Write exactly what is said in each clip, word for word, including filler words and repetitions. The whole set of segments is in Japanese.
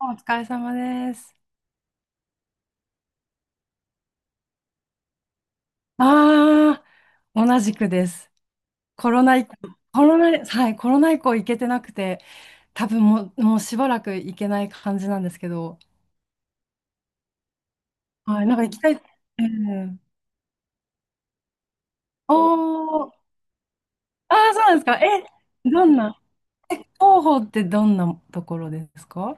お疲れ様です。ああ、同じくです。コロナ以降、コロナ、はい、コロナ以降行けてなくて、多分もう、もうしばらく行けない感じなんですけど、はい、なんか行きたい。えん、おー、ああ、そうなんですか。え、どんな、え、広報ってどんなところですか？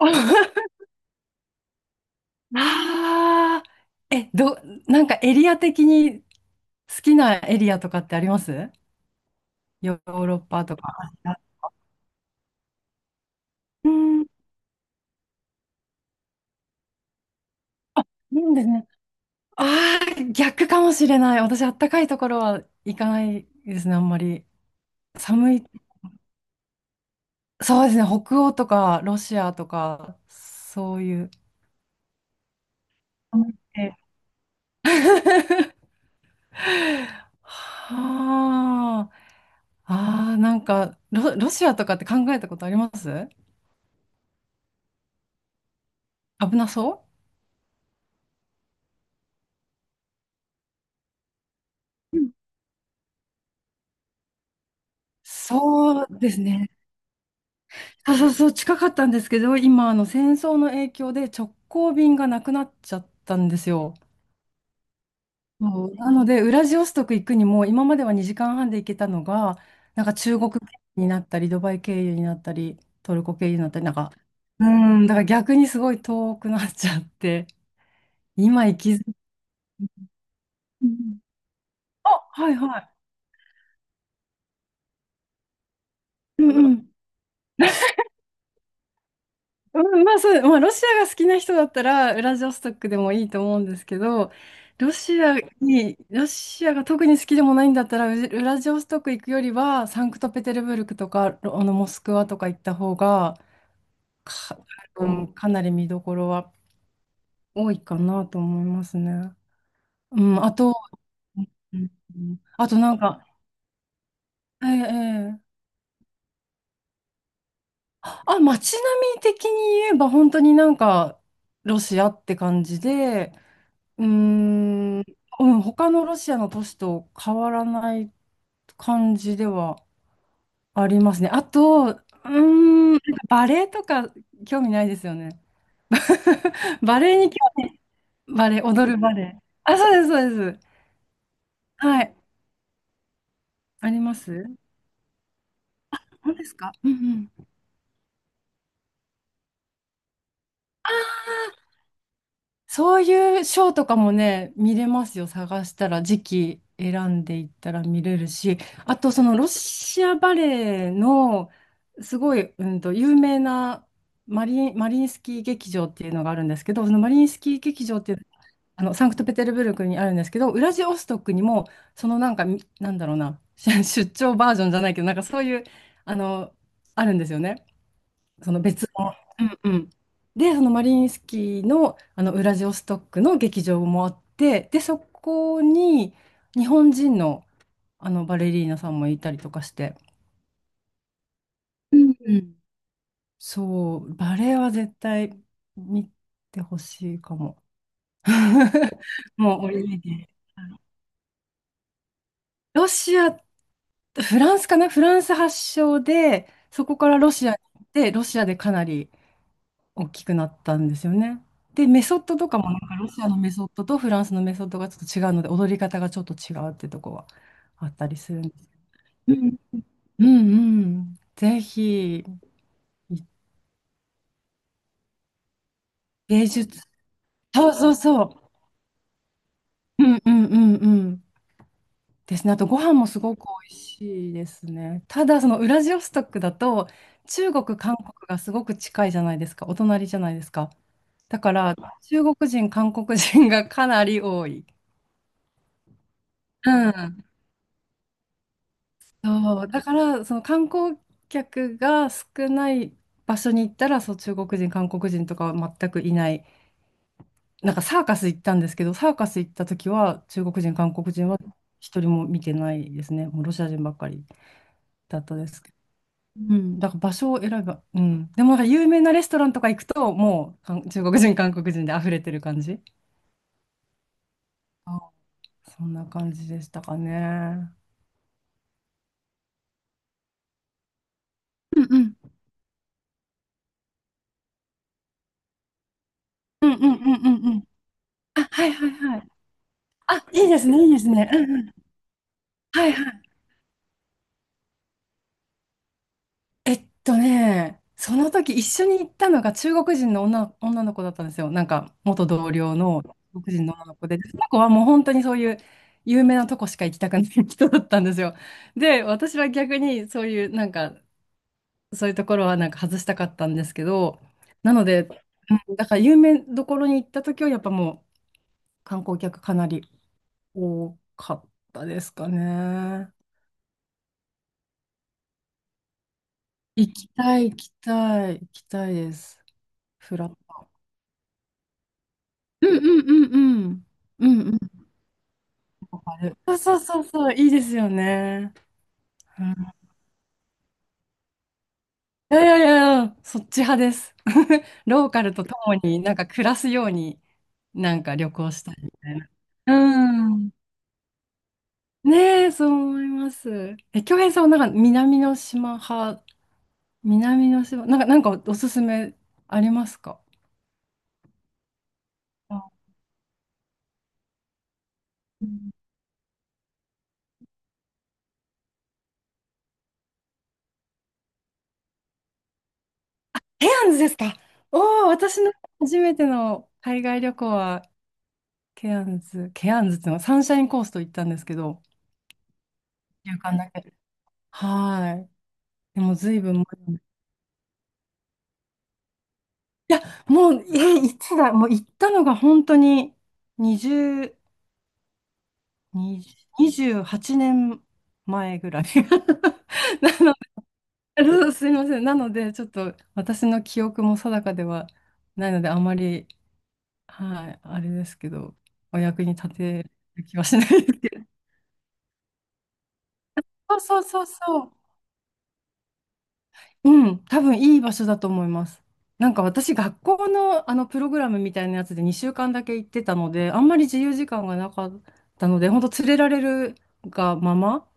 ああ、え、ど、なんかエリア的に好きなエリアとかってありますヨーロッパとか？あうん、いいんですね。ああ、逆かもしれない。私、あったかいところは行かないですね、あんまり。寒い、そうですね、北欧とかロシアとか、そういう。寒い系。 はあ、ああ、なんかロ、ロシアとかって考えたことあります？危なそううん、そうですね。そうそうそう、近かったんですけど、今、あの戦争の影響で直行便がなくなっちゃったんですよ。そうなので、ウラジオストク行くにも、今まではにじかんはんで行けたのが、なんか中国経由になったり、ドバイ経由になったり、トルコ経由になったり、なんか、うん、だから逆にすごい遠くなっちゃって、今行きづうん。あ、はいはい。うんうん。うん、まあそう、まあロシアが好きな人だったら、ウラジオストクでもいいと思うんですけど、ロシアに、ロシアが特に好きでもないんだったら、ウウラジオストク行くよりは、サンクトペテルブルクとか、ロあのモスクワとか行った方が、か、うん、かなり見どころは多いかなと思いますね。うん、あと、うんあとなんか、ええええあ、街並み的に言えば本当になんかロシアって感じで、うーん、うん、他のロシアの都市と変わらない感じではありますね。あと、うーん、なんかバレエとか興味ないですよね？バレエに興味、バレエ、踊るバレエ。あ、そうです、そうです。はい、あります。そうですか。うんうん。そういうショーとかもね、見れますよ。探したら、時期選んでいったら見れるし、あとそのロシアバレエのすごい、うんと、有名なマリン、マリインスキー劇場っていうのがあるんですけど、そのマリインスキー劇場っていう、あのサンクトペテルブルクにあるんですけど、ウラジオストクにも、そのなんか、みなんだろうな、出張バージョンじゃないけど、なんかそういう、あの、あるんですよね。その別の。うんうん。で、そのマリインスキーの、あのウラジオストックの劇場もあって、で、そこに日本人の、あのバレリーナさんもいたりとかして、うんうん。そう、バレエは絶対見てほしいかも。もうオリジロシア、フランスかな？フランス発祥で、そこからロシアに行って、ロシアでかなり大きくなったんですよね。で、メソッドとかもなんかロシアのメソッドとフランスのメソッドがちょっと違うので、踊り方がちょっと違うってとこはあったりするんです。うんうんうん。ぜひ、芸術。そうそうそう。うんうんうんうん。ですね。あとご飯もすごく美味しいですね。ただ、そのウラジオストクだと、中国、韓国がすごく近いじゃないですか。お隣じゃないですか。だから、中国人、韓国人がかなり多い。うん。そう、だから、その観光客が少ない場所に行ったら、そう、中国人、韓国人とかは全くいない。なんかサーカス行ったんですけど、サーカス行った時は、中国人、韓国人は一人も見てないですね。もうロシア人ばっかりだったですけど。うん、だから場所を選ば、うん。でもなんか有名なレストランとか行くと、もうかん中国人、韓国人で溢れてる感じ。あそんな感じでしたかね。うんうん。うんうんうんうんうん。あ、はいはいはい。あ、いいですね、いいですね。うんはいはい。えっとね、その時一緒に行ったのが中国人の女、女の子だったんですよ。なんか元同僚の中国人の女の子で、その子はもう本当にそういう有名なとこしか行きたくない人だったんですよ。で、私は逆にそういうなんか、そういうところはなんか外したかったんですけど、なので、うんだから有名どころに行った時はやっぱもう観光客かなり多かったですかね。行きたい、行きたい、行きたいです。フラット。うんうんうんうん。うんうん。わかる。そうそうそうそう、いいですよね。うんいやいやいやいや、そっち派です。ローカルと共になんか暮らすようになんか旅行したいみたいな。うん。ねえ、そう思います。え、京平さんはなんか南の島派？南の島、なんか、なんかおすすめありますか？あうん、ケアンズですか？おおー、私の初めての海外旅行はケアンズ、ケアンズっていうのはサンシャインコースト行ったんですけど、一週だけ。はい。でも随分前に、いや、もう、え、いつだ、もう行ったのが本当ににじゅう、にじゅう にじゅうはちねんまえぐらい。なの、そうすいません。なので、ちょっと私の記憶も定かではないので、あまり、はい、あれですけど、お役に立てる気はしないですけど。そうそうそうそう。うん、多分いい場所だと思います。なんか私、学校のあのプログラムみたいなやつでにしゅうかんだけ行ってたので、あんまり自由時間がなかったので、本当連れられるがまま、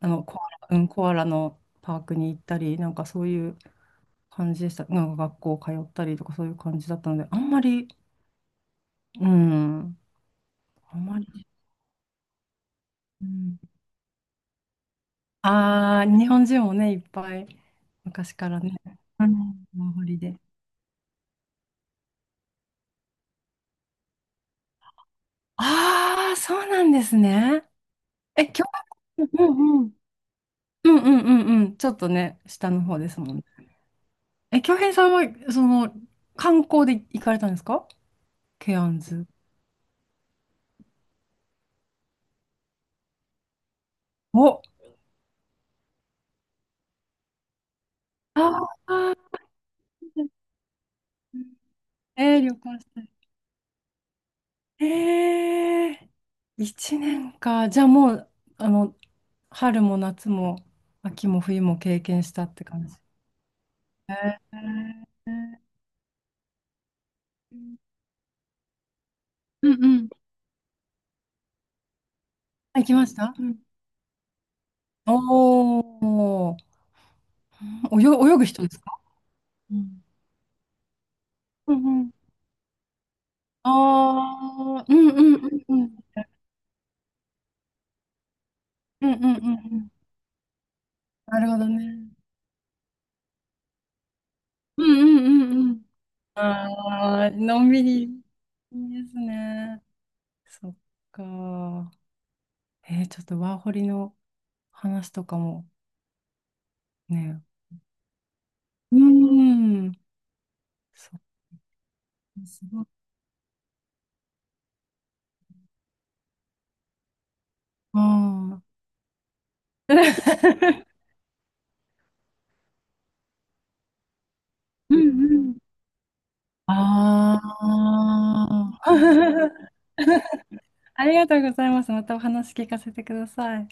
あのコアラ、うん、コアラのパークに行ったり、なんかそういう感じでした。なんか学校通ったりとかそういう感じだったので、あんまり、うん、あんまり、うん、ああ、日本人もね、いっぱい昔からね、うん、お守りで。ああ、そうなんですね。え、兄うんうん。うんうんうんうん。ちょっとね、下の方ですもんね。え、京平さんは、その、観光で行かれたんですか？ケアンズ。お、ああ、えー、旅行したい。ええー、いちねんか。じゃあもう、あの、春も夏も秋も冬も経験したって感じ。えー、うんうん。あ行きました。うん。おーおー、泳ぐ人ですか？うんうん。ああ、うんうんうんうん。うんうんうんうん。なるほどね。うんうんうんうん。ああ、のんびり。いいですね。そっか。えーちょっとワーホリの話とかもね。うーん。そっか、すごい。あー。 うんうん。ああ。ありがとうございます。またお話聞かせてください。